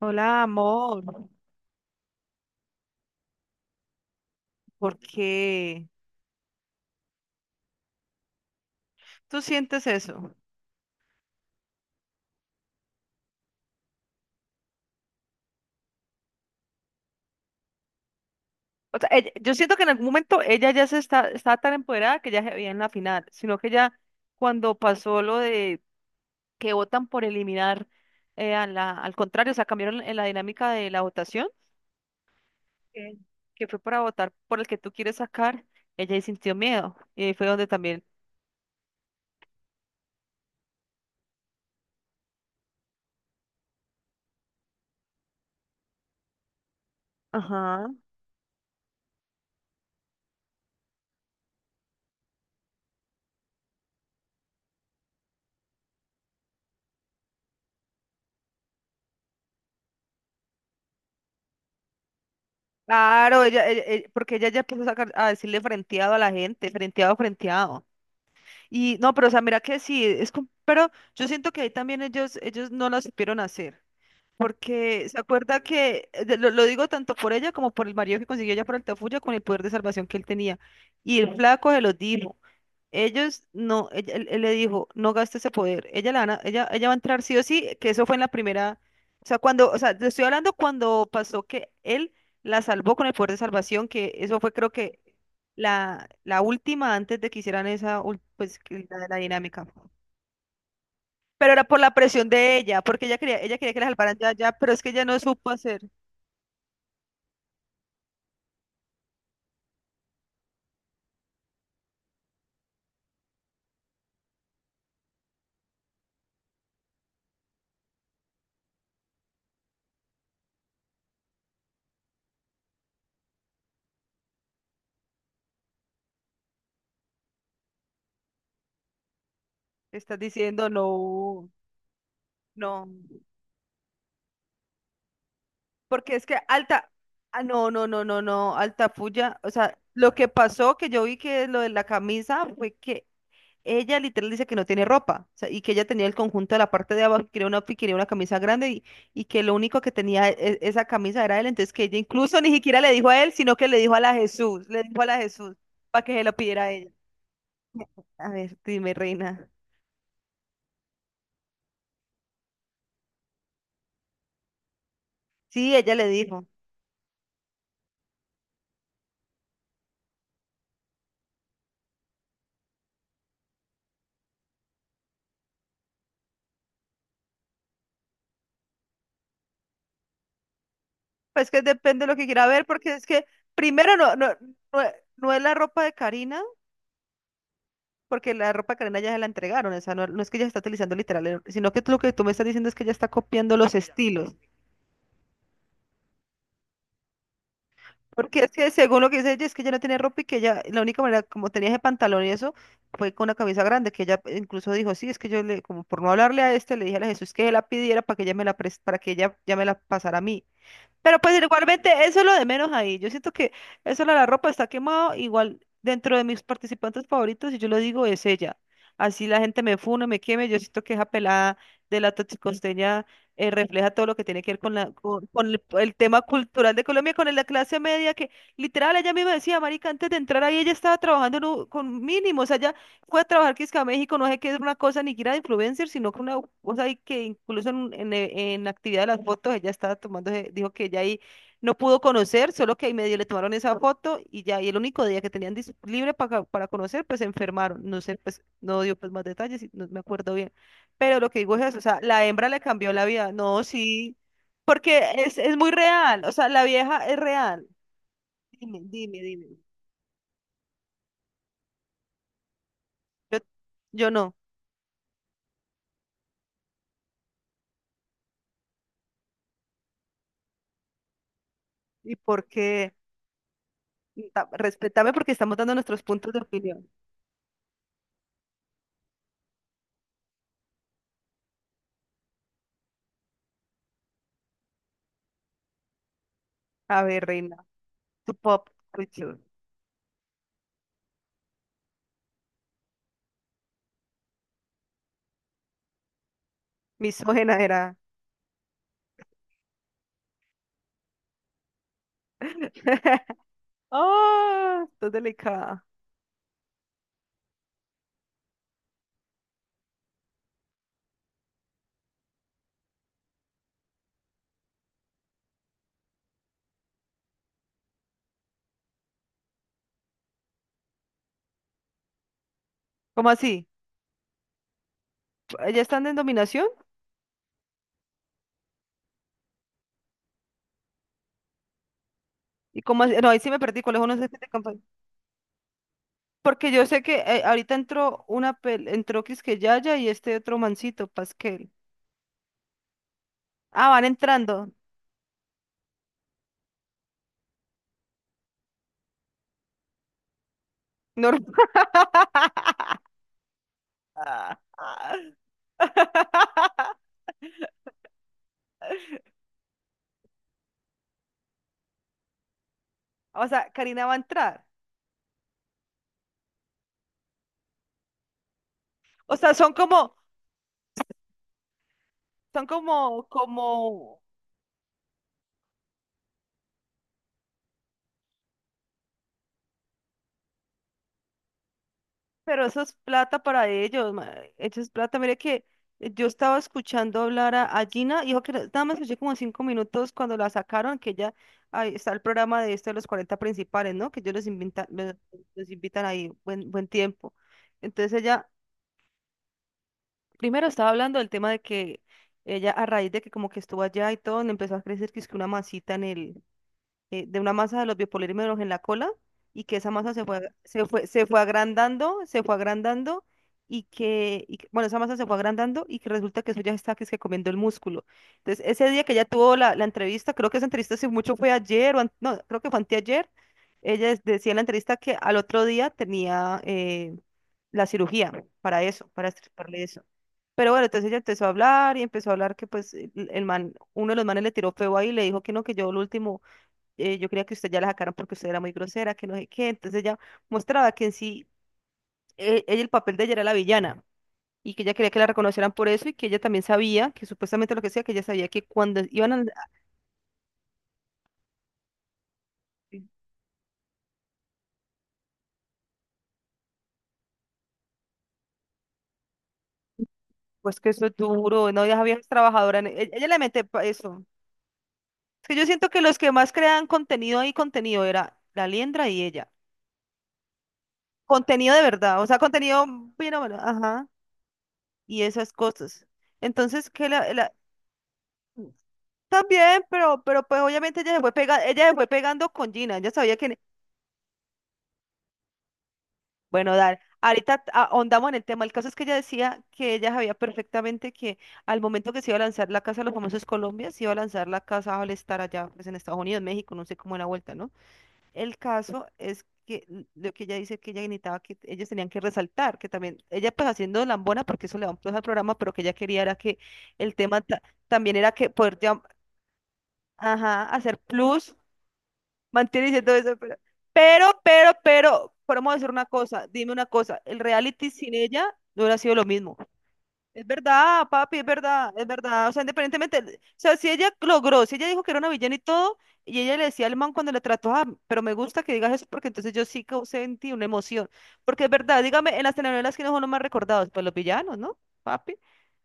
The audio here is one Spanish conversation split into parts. Hola, amor. ¿Por qué tú sientes eso? O sea, yo siento que en algún momento ella ya estaba tan empoderada que ya se veía en la final, sino que ya cuando pasó lo de que votan por eliminar al contrario, o sea, cambiaron en la dinámica de la votación, que que fue para votar por el que tú quieres sacar, ella ahí sintió miedo. Y ahí fue donde también. Ajá. Claro, porque ella ya empezó a, sacar, a decirle frenteado a la gente, frenteado, frenteado. Y no, pero o sea, mira que sí, pero yo siento que ahí también ellos no la supieron hacer. Porque se acuerda que, lo digo tanto por ella como por el marido que consiguió ella por Altafulla con el poder de salvación que él tenía. Y el flaco se los dijo. Ellos no, él le dijo, no gaste ese poder. Ella, la van a- ella va a entrar sí o sí, que eso fue en la primera. O sea, te estoy hablando cuando pasó que él la salvó con el poder de salvación, que eso fue creo que la última antes de que hicieran pues, que la dinámica. Pero era por la presión de ella, porque ella quería que la salvaran ya, ya, pero es que ella no supo hacer. Estás diciendo, no, no. Porque es que ah, no, no, no, no, no, Alta Fuya, o sea, lo que pasó que yo vi que lo de la camisa fue que ella literal dice que no tiene ropa, o sea, y que ella tenía el conjunto de la parte de abajo, que quería una camisa grande y que lo único que tenía esa camisa era él, entonces que ella incluso ni siquiera le dijo a él, sino que le dijo a la Jesús, le dijo a la Jesús para que se lo pidiera a ella. A ver, dime, reina. Sí, ella le dijo. Pues que depende de lo que quiera ver, porque es que primero no, no, no, no es la ropa de Karina. Porque la ropa Karena ya se la entregaron, o sea, no, no es que ella está utilizando literal, sino que lo que tú me estás diciendo es que ella está copiando los estilos. Porque es que según lo que dice ella, es que ella no tiene ropa y que ella, la única manera, como tenía ese pantalón y eso, fue con una camisa grande, que ella incluso dijo, sí, es que yo le, como por no hablarle a este, le dije a la Jesús que la pidiera para que ella ya me la pasara a mí. Pero pues igualmente, eso es lo de menos ahí. Yo siento que eso de la ropa está quemado. Igual dentro de mis participantes favoritos, y yo lo digo, es ella. Así la gente me fune, me queme. Yo siento que esa pelada de la toxicosteña refleja todo lo que tiene que ver con el tema cultural de Colombia, con la clase media, que literal ella misma decía, marica, antes de entrar ahí ella estaba trabajando en con mínimos. Allá fue a trabajar que es que a México, no sé qué es una cosa ni que era de influencer, sino que una cosa ahí que incluso en la actividad de las fotos ella estaba tomando, dijo que ella ahí no pudo conocer, solo que ahí medio le tomaron esa foto y ya, y el único día que tenían libre para conocer, pues se enfermaron, no sé, pues no dio pues más detalles, y no me acuerdo bien, pero lo que digo es eso, o sea, la hembra le cambió la vida, no, sí, porque es muy real, o sea, la vieja es real, dime, dime, dime, yo, yo no, ¿y por qué? Respétame porque estamos dando nuestros puntos de opinión. A ver, reina, tu pop culture misógena era. ¡Oh! Estás delicada. ¿Cómo así? ¿Ya están en dominación? ¿Y cómo así? No, ahí sí me perdí. ¿Cuáles unos este de campaña? Porque yo sé que ahorita entró una pel entró que Yaya y este otro mancito, Pasquel. Ah, van entrando. Normal. O sea, Karina va a entrar. O sea, son como, como pero eso es plata para ellos, eso es plata. Mire que yo estaba escuchando hablar a Gina, y dijo que no- nada más escuché como 5 minutos cuando la sacaron, que ella, ahí está el programa de esto de los 40 Principales, ¿no? Que ellos los invitan, los invitan ahí buen, buen tiempo. Entonces ella, primero estaba hablando del tema de que ella a raíz de que como que estuvo allá y todo, le empezó a crecer que es que una masita de una masa de los biopolímeros en la cola y que esa masa se fue agrandando, se fue agrandando y bueno, esa masa se fue agrandando y que resulta que eso ya está que es que comiendo el músculo. Entonces, ese día que ella tuvo la entrevista, creo que esa entrevista si mucho fue ayer, no, creo que fue anteayer, ella decía en la entrevista que al otro día tenía la cirugía para eso, para extirparle eso. Pero bueno, entonces ella empezó a hablar y empezó a hablar que pues el man, uno de los manes le tiró feo ahí y le dijo que no, que yo lo último yo creía que usted ya la sacaron porque usted era muy grosera, que no sé qué. Entonces ella mostraba que en sí, el papel de ella era la villana y que ella quería que la reconocieran por eso y que ella también sabía, que supuestamente lo que sea, que ella sabía que cuando iban a, pues que eso es duro, no, ella había trabajadora, ella, le mete eso. Es que yo siento que los que más crean contenido y contenido era la Liendra y ella. Contenido de verdad, o sea, contenido, bueno, bueno, ajá, y esas cosas. Entonces, también, pero pues obviamente ella ella se fue pegando con Gina, ella sabía que, bueno, ahorita ahondamos en el tema, el caso es que ella decía que ella sabía perfectamente que al momento que se iba a lanzar la Casa de los Famosos Colombia, se iba a lanzar la Casa al estar allá, pues en Estados Unidos, México, no sé cómo era la vuelta, ¿no? El caso es que lo que ella dice que ella necesitaba que ellos tenían que resaltar, que también, ella pues haciendo lambona, porque eso le da un plus al programa, pero que ella quería era que el tema también era que poder ajá, hacer plus mantiene todo eso, pero, decir una cosa, dime una cosa, el reality sin ella no hubiera sido lo mismo. Es verdad, papi, es verdad, es verdad. O sea, independientemente, o sea, si ella logró, si ella dijo que era una villana y todo, y ella le decía al man cuando le trató, ah, pero me gusta que digas eso porque entonces yo sí causé en ti una emoción. Porque es verdad, dígame, en las telenovelas, ¿quiénes son los más recordados? Pues los villanos, ¿no? Papi,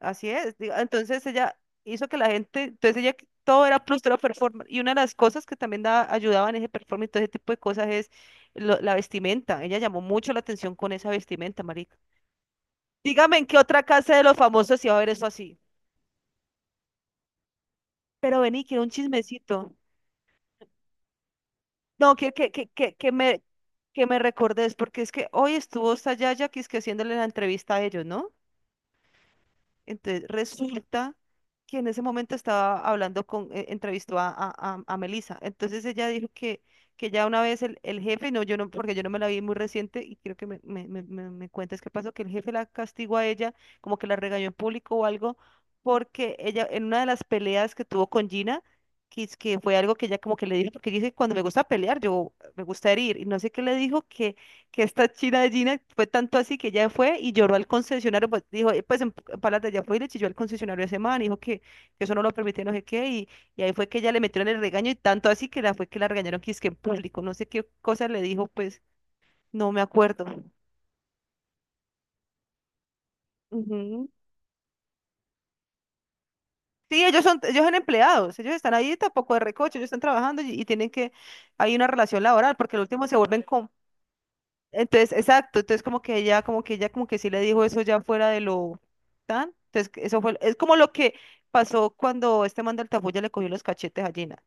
así es. Entonces ella hizo que la gente, entonces ella, todo era plus, todo era performance. Y una de las cosas que también ayudaba en ese performance, y todo ese tipo de cosas es la vestimenta. Ella llamó mucho la atención con esa vestimenta, marica. Dígame en qué otra casa de los famosos iba a ver eso así. Pero vení, quiero un chismecito. No, que me recordes, porque es que hoy estuvo esta Yaya que es que haciéndole la entrevista a ellos, ¿no? Entonces resulta que en ese momento estaba hablando entrevistó a Melissa. Entonces ella dijo que ya una vez el jefe, no, yo no, porque yo no me la vi muy reciente y quiero que me cuentes qué pasó, que el jefe la castigó a ella, como que la regañó en público o algo, porque ella en una de las peleas que tuvo con Gina, es que fue algo que ella como que le dijo, porque dice, cuando me gusta pelear, yo me gusta herir, y no sé qué le dijo que esta china de Gina fue tanto así que ella fue y lloró al concesionario, pues dijo, pues en palata ya fue y le chilló al concesionario a ese man, dijo que eso no lo permitía, no sé qué, y ahí fue que ella le metieron el regaño y tanto así que la fue que la regañaron que es que en público, no sé qué cosa le dijo, pues no me acuerdo. Ujú. Sí, ellos son empleados, ellos están ahí tampoco de recoche, ellos están trabajando y tienen que, hay una relación laboral, porque al último se vuelven, entonces, exacto, entonces como que ella como que sí le dijo eso ya fuera de lo tan. Entonces, que eso fue, es como lo que pasó cuando este man del tapuya le cogió los cachetes a Gina,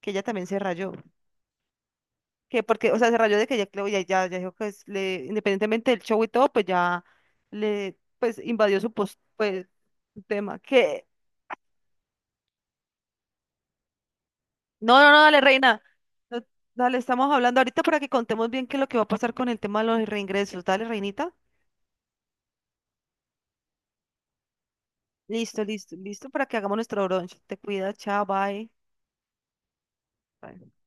que ella también se rayó. Que porque, o sea, se rayó de que ya dijo independientemente del show y todo, pues pues invadió su post, pues, su tema. No, no, no, dale, reina. No, dale, estamos hablando ahorita para que contemos bien qué es lo que va a pasar con el tema de los reingresos. Dale, reinita. Listo, listo, listo para que hagamos nuestro brunch. Te cuida, chao, bye. Bye.